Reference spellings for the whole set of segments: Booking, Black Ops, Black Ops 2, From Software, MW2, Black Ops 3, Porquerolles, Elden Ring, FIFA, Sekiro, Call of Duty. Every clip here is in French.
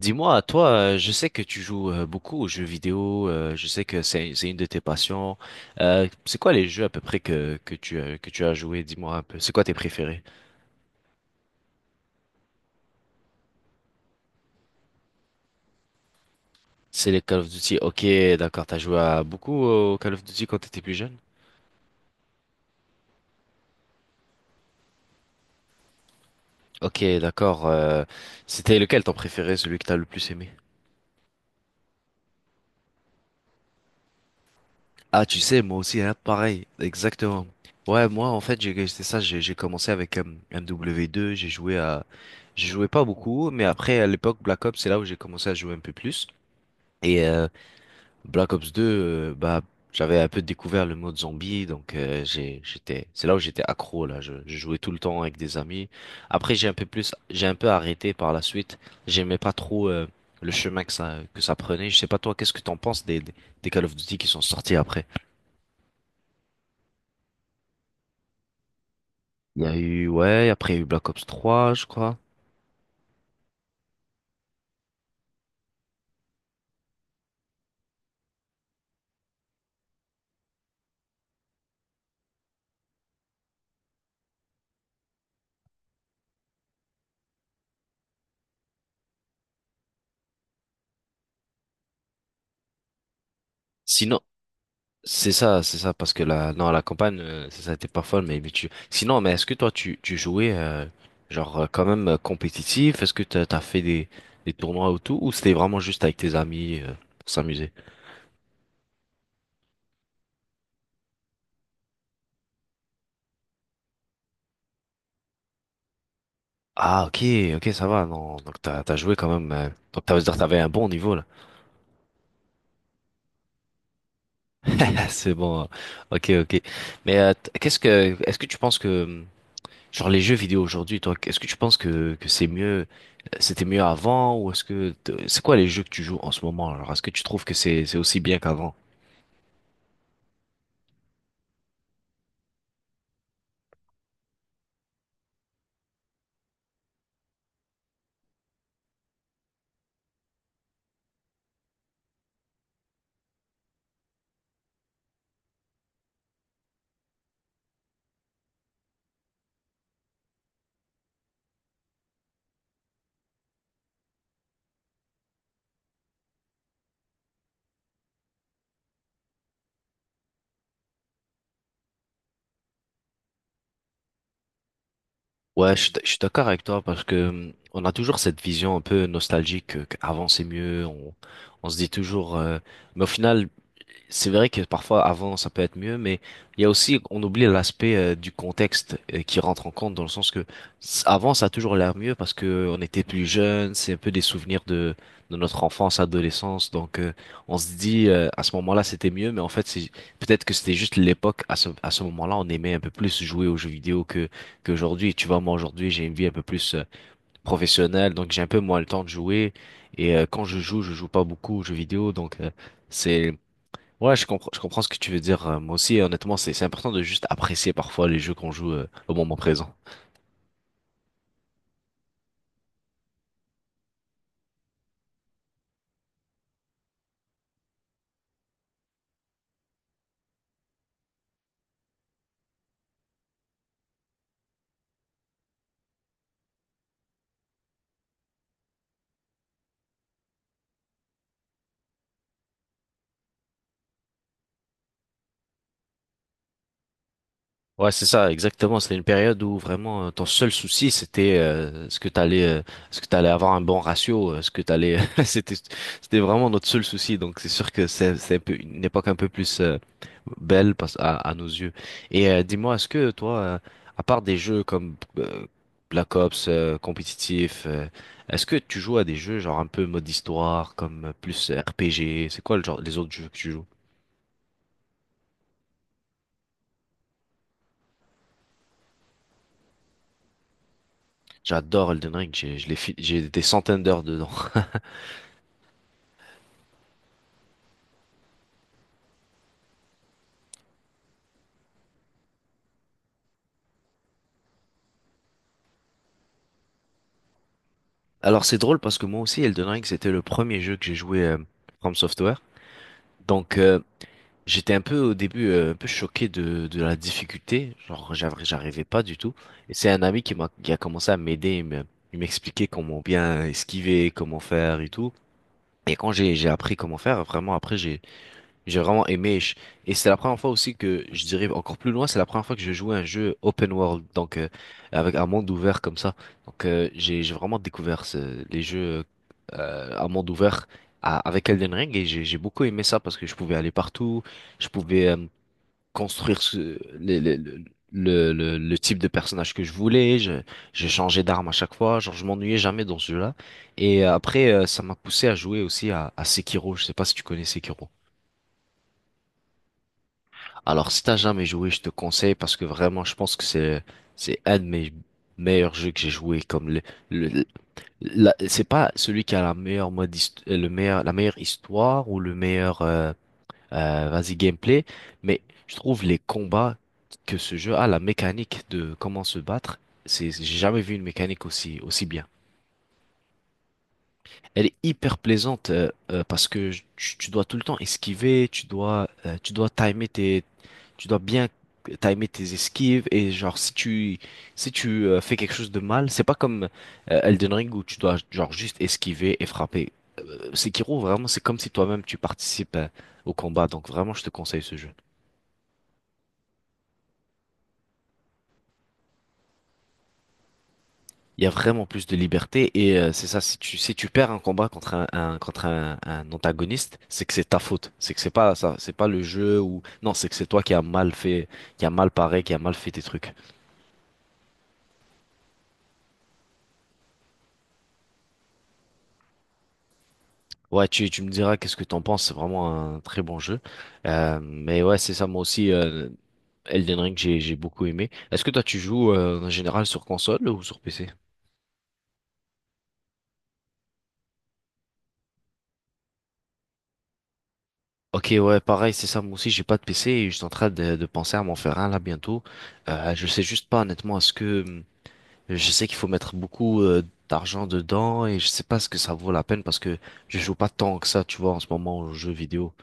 Dis-moi, toi, je sais que tu joues beaucoup aux jeux vidéo, je sais que c'est une de tes passions. C'est quoi les jeux à peu près que que tu as joué? Dis-moi un peu. C'est quoi tes préférés? C'est les Call of Duty. Ok, d'accord. T'as joué à beaucoup au Call of Duty quand t'étais plus jeune? Ok, d'accord. C'était lequel ton préféré, celui que t'as le plus aimé? Ah, tu sais, moi aussi, hein, pareil, exactement. Ouais, moi, en fait, c'est ça, j'ai commencé avec MW2, j'ai joué pas beaucoup, mais après, à l'époque, Black Ops, c'est là où j'ai commencé à jouer un peu plus. Et Black Ops 2, bah, j'avais un peu découvert le mode zombie, donc j'étais, c'est là où j'étais accro, là, je jouais tout le temps avec des amis. Après, j'ai un peu arrêté par la suite, j'aimais pas trop le chemin que ça prenait. Je sais pas toi, qu'est-ce que t'en penses des Call of Duty qui sont sortis après? Il y a eu, ouais, après il y a eu Black Ops 3, je crois. Sinon, c'est ça, parce que la, non, la campagne, ça a été pas folle, mais mais est-ce que toi, tu jouais, genre, quand même compétitif? Est-ce que t'as fait des tournois ou tout, ou c'était vraiment juste avec tes amis, pour s'amuser? Ah, ok, ok, ça va, non, donc t'as joué quand même, c'est-à-dire t'avais un bon niveau, là. C'est bon, hein. Ok, ok. Mais, est-ce que tu penses que, genre les jeux vidéo aujourd'hui, toi, est-ce que tu penses que c'est mieux, c'était mieux avant, ou c'est quoi les jeux que tu joues en ce moment? Alors est-ce que tu trouves que c'est aussi bien qu'avant? Ouais, je suis d'accord avec toi, parce que on a toujours cette vision un peu nostalgique, qu'avant c'est mieux, on, se dit toujours, mais au final, c'est vrai que parfois avant ça peut être mieux, mais il y a aussi, on oublie l'aspect du contexte qui rentre en compte, dans le sens avant ça a toujours l'air mieux parce que on était plus jeune, c'est un peu des souvenirs de notre enfance, adolescence. Donc on se dit à ce moment-là c'était mieux, mais en fait c'est peut-être que c'était juste l'époque, à ce moment-là on aimait un peu plus jouer aux jeux vidéo que qu'aujourd'hui. Tu vois, moi aujourd'hui j'ai une vie un peu plus professionnelle, donc j'ai un peu moins le temps de jouer, et quand je joue pas beaucoup aux jeux vidéo, donc c'est. Ouais, je comprends ce que tu veux dire. Moi aussi, honnêtement, c'est important de juste apprécier parfois les jeux qu'on joue au moment présent. Ouais, c'est ça, exactement. C'était une période où vraiment ton seul souci, c'était ce que t'allais avoir un bon ratio, c'était, c'était vraiment notre seul souci. Donc c'est sûr que c'est un peu une époque un peu plus belle, à nos yeux. Et dis-moi, est-ce que toi, à part des jeux comme Black Ops compétitif, est-ce que tu joues à des jeux genre un peu mode histoire, comme plus RPG? C'est quoi le genre, les autres jeux que tu joues? J'adore Elden Ring, j'ai, je l'ai fi- j'ai des centaines d'heures dedans. Alors c'est drôle parce que moi aussi Elden Ring c'était le premier jeu que j'ai joué, From Software. Donc j'étais un peu au début un peu choqué de la difficulté, genre j'arrivais pas du tout. Et c'est un ami qui a commencé à m'aider, il m'expliquait comment bien esquiver, comment faire et tout. Et quand j'ai appris comment faire, vraiment après j'ai vraiment aimé. Et c'est la première fois aussi que, je dirais encore plus loin, c'est la première fois que je jouais à un jeu open world, donc avec un monde ouvert comme ça. Donc j'ai vraiment découvert les jeux à monde ouvert, avec Elden Ring, et j'ai beaucoup aimé ça parce que je pouvais aller partout, je pouvais construire le type de personnage que je voulais, je changeais d'arme à chaque fois, genre je m'ennuyais jamais dans ce jeu-là. Et après, ça m'a poussé à jouer aussi à Sekiro. Je sais pas si tu connais Sekiro. Alors, si t'as jamais joué, je te conseille, parce que vraiment, je pense que c'est un de mes meilleurs jeux que j'ai joué. Comme le- le- c'est pas celui qui a la meilleure mode, la meilleure histoire ou le meilleur, vas-y gameplay, mais je trouve les combats que ce jeu a, la mécanique de comment se battre, c'est, j'ai jamais vu une mécanique aussi bien. Elle est hyper plaisante, parce que tu dois tout le temps esquiver, tu dois bien timer tes esquives, et genre si tu fais quelque chose de mal, c'est pas comme Elden Ring où tu dois genre juste esquiver et frapper. Sekiro, vraiment, c'est comme si toi-même tu participes au combat, donc vraiment, je te conseille ce jeu. Il y a vraiment plus de liberté, et c'est ça, si tu perds un combat contre un antagoniste, c'est que c'est ta faute, c'est que c'est pas ça, c'est pas le jeu. Ou non, c'est que c'est toi qui a mal fait, qui a mal paré, qui a mal fait tes trucs. Ouais, tu me diras qu'est-ce que t'en penses, c'est vraiment un très bon jeu. Mais ouais, c'est ça, moi aussi, Elden Ring j'ai beaucoup aimé. Est-ce que toi tu joues en général sur console ou sur PC? Ok, ouais, pareil, c'est ça. Moi aussi, j'ai pas de PC et je suis en train de penser à m'en faire un là bientôt. Je sais juste pas honnêtement, est-ce que Je sais qu'il faut mettre beaucoup d'argent dedans, et je sais pas ce que ça vaut la peine parce que je joue pas tant que ça, tu vois, en ce moment aux jeux vidéo.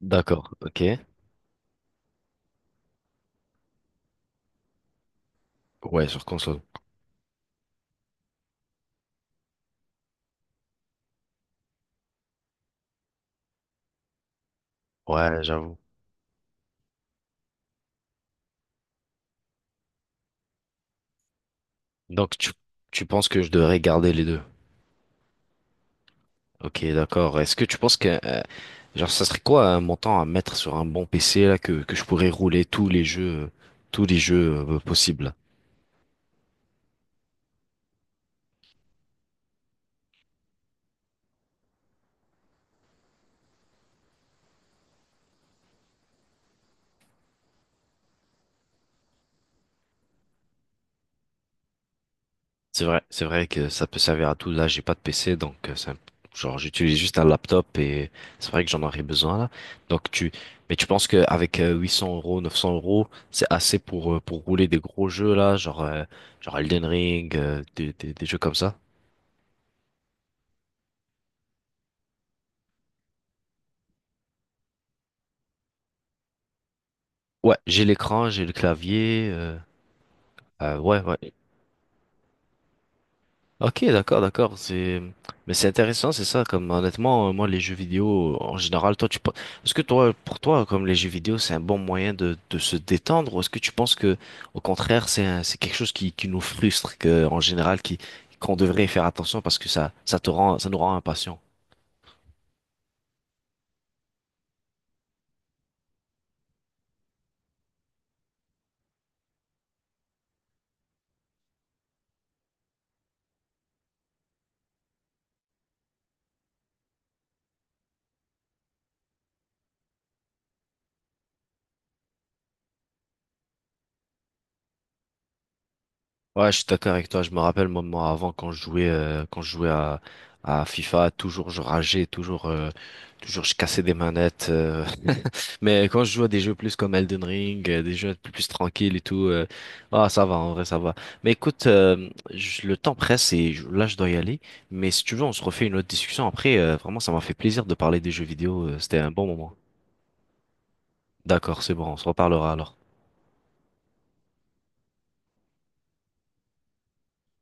D'accord, ok. Ouais, sur console. Ouais, j'avoue. Donc tu penses que je devrais garder les deux. Ok, d'accord. Est-ce que tu penses que genre ça serait quoi un montant à mettre sur un bon PC, là que je pourrais rouler tous les jeux, possibles? C'est vrai que ça peut servir à tout. Là, j'ai pas de PC, donc genre j'utilise juste un laptop, et c'est vrai que j'en aurais besoin là. Donc tu, mais tu penses qu'avec 800 euros, 900 euros, c'est assez pour rouler des gros jeux là, genre genre Elden Ring, des jeux comme ça? Ouais, j'ai l'écran, j'ai le clavier. Ouais, ouais. Ok, d'accord, d'accord. Mais c'est intéressant, c'est ça. Comme honnêtement, moi, les jeux vidéo en général, toi, est-ce que toi, pour toi, comme les jeux vidéo, c'est un bon moyen de se détendre, ou est-ce que tu penses que, au contraire, c'est quelque chose qui nous frustre, que en général, qui qu'on devrait faire attention parce que ça nous rend impatients. Ouais, je suis d'accord avec toi. Je me rappelle, moi, avant, quand je jouais à FIFA, toujours je rageais, toujours, toujours je cassais des manettes. Mais quand je joue à des jeux plus comme Elden Ring, des jeux plus tranquilles et tout, ah, ça va, en vrai, ça va. Mais écoute, le temps presse, et là, je dois y aller. Mais si tu veux, on se refait une autre discussion après. Vraiment, ça m'a fait plaisir de parler des jeux vidéo. C'était un bon moment. D'accord, c'est bon, on se reparlera alors.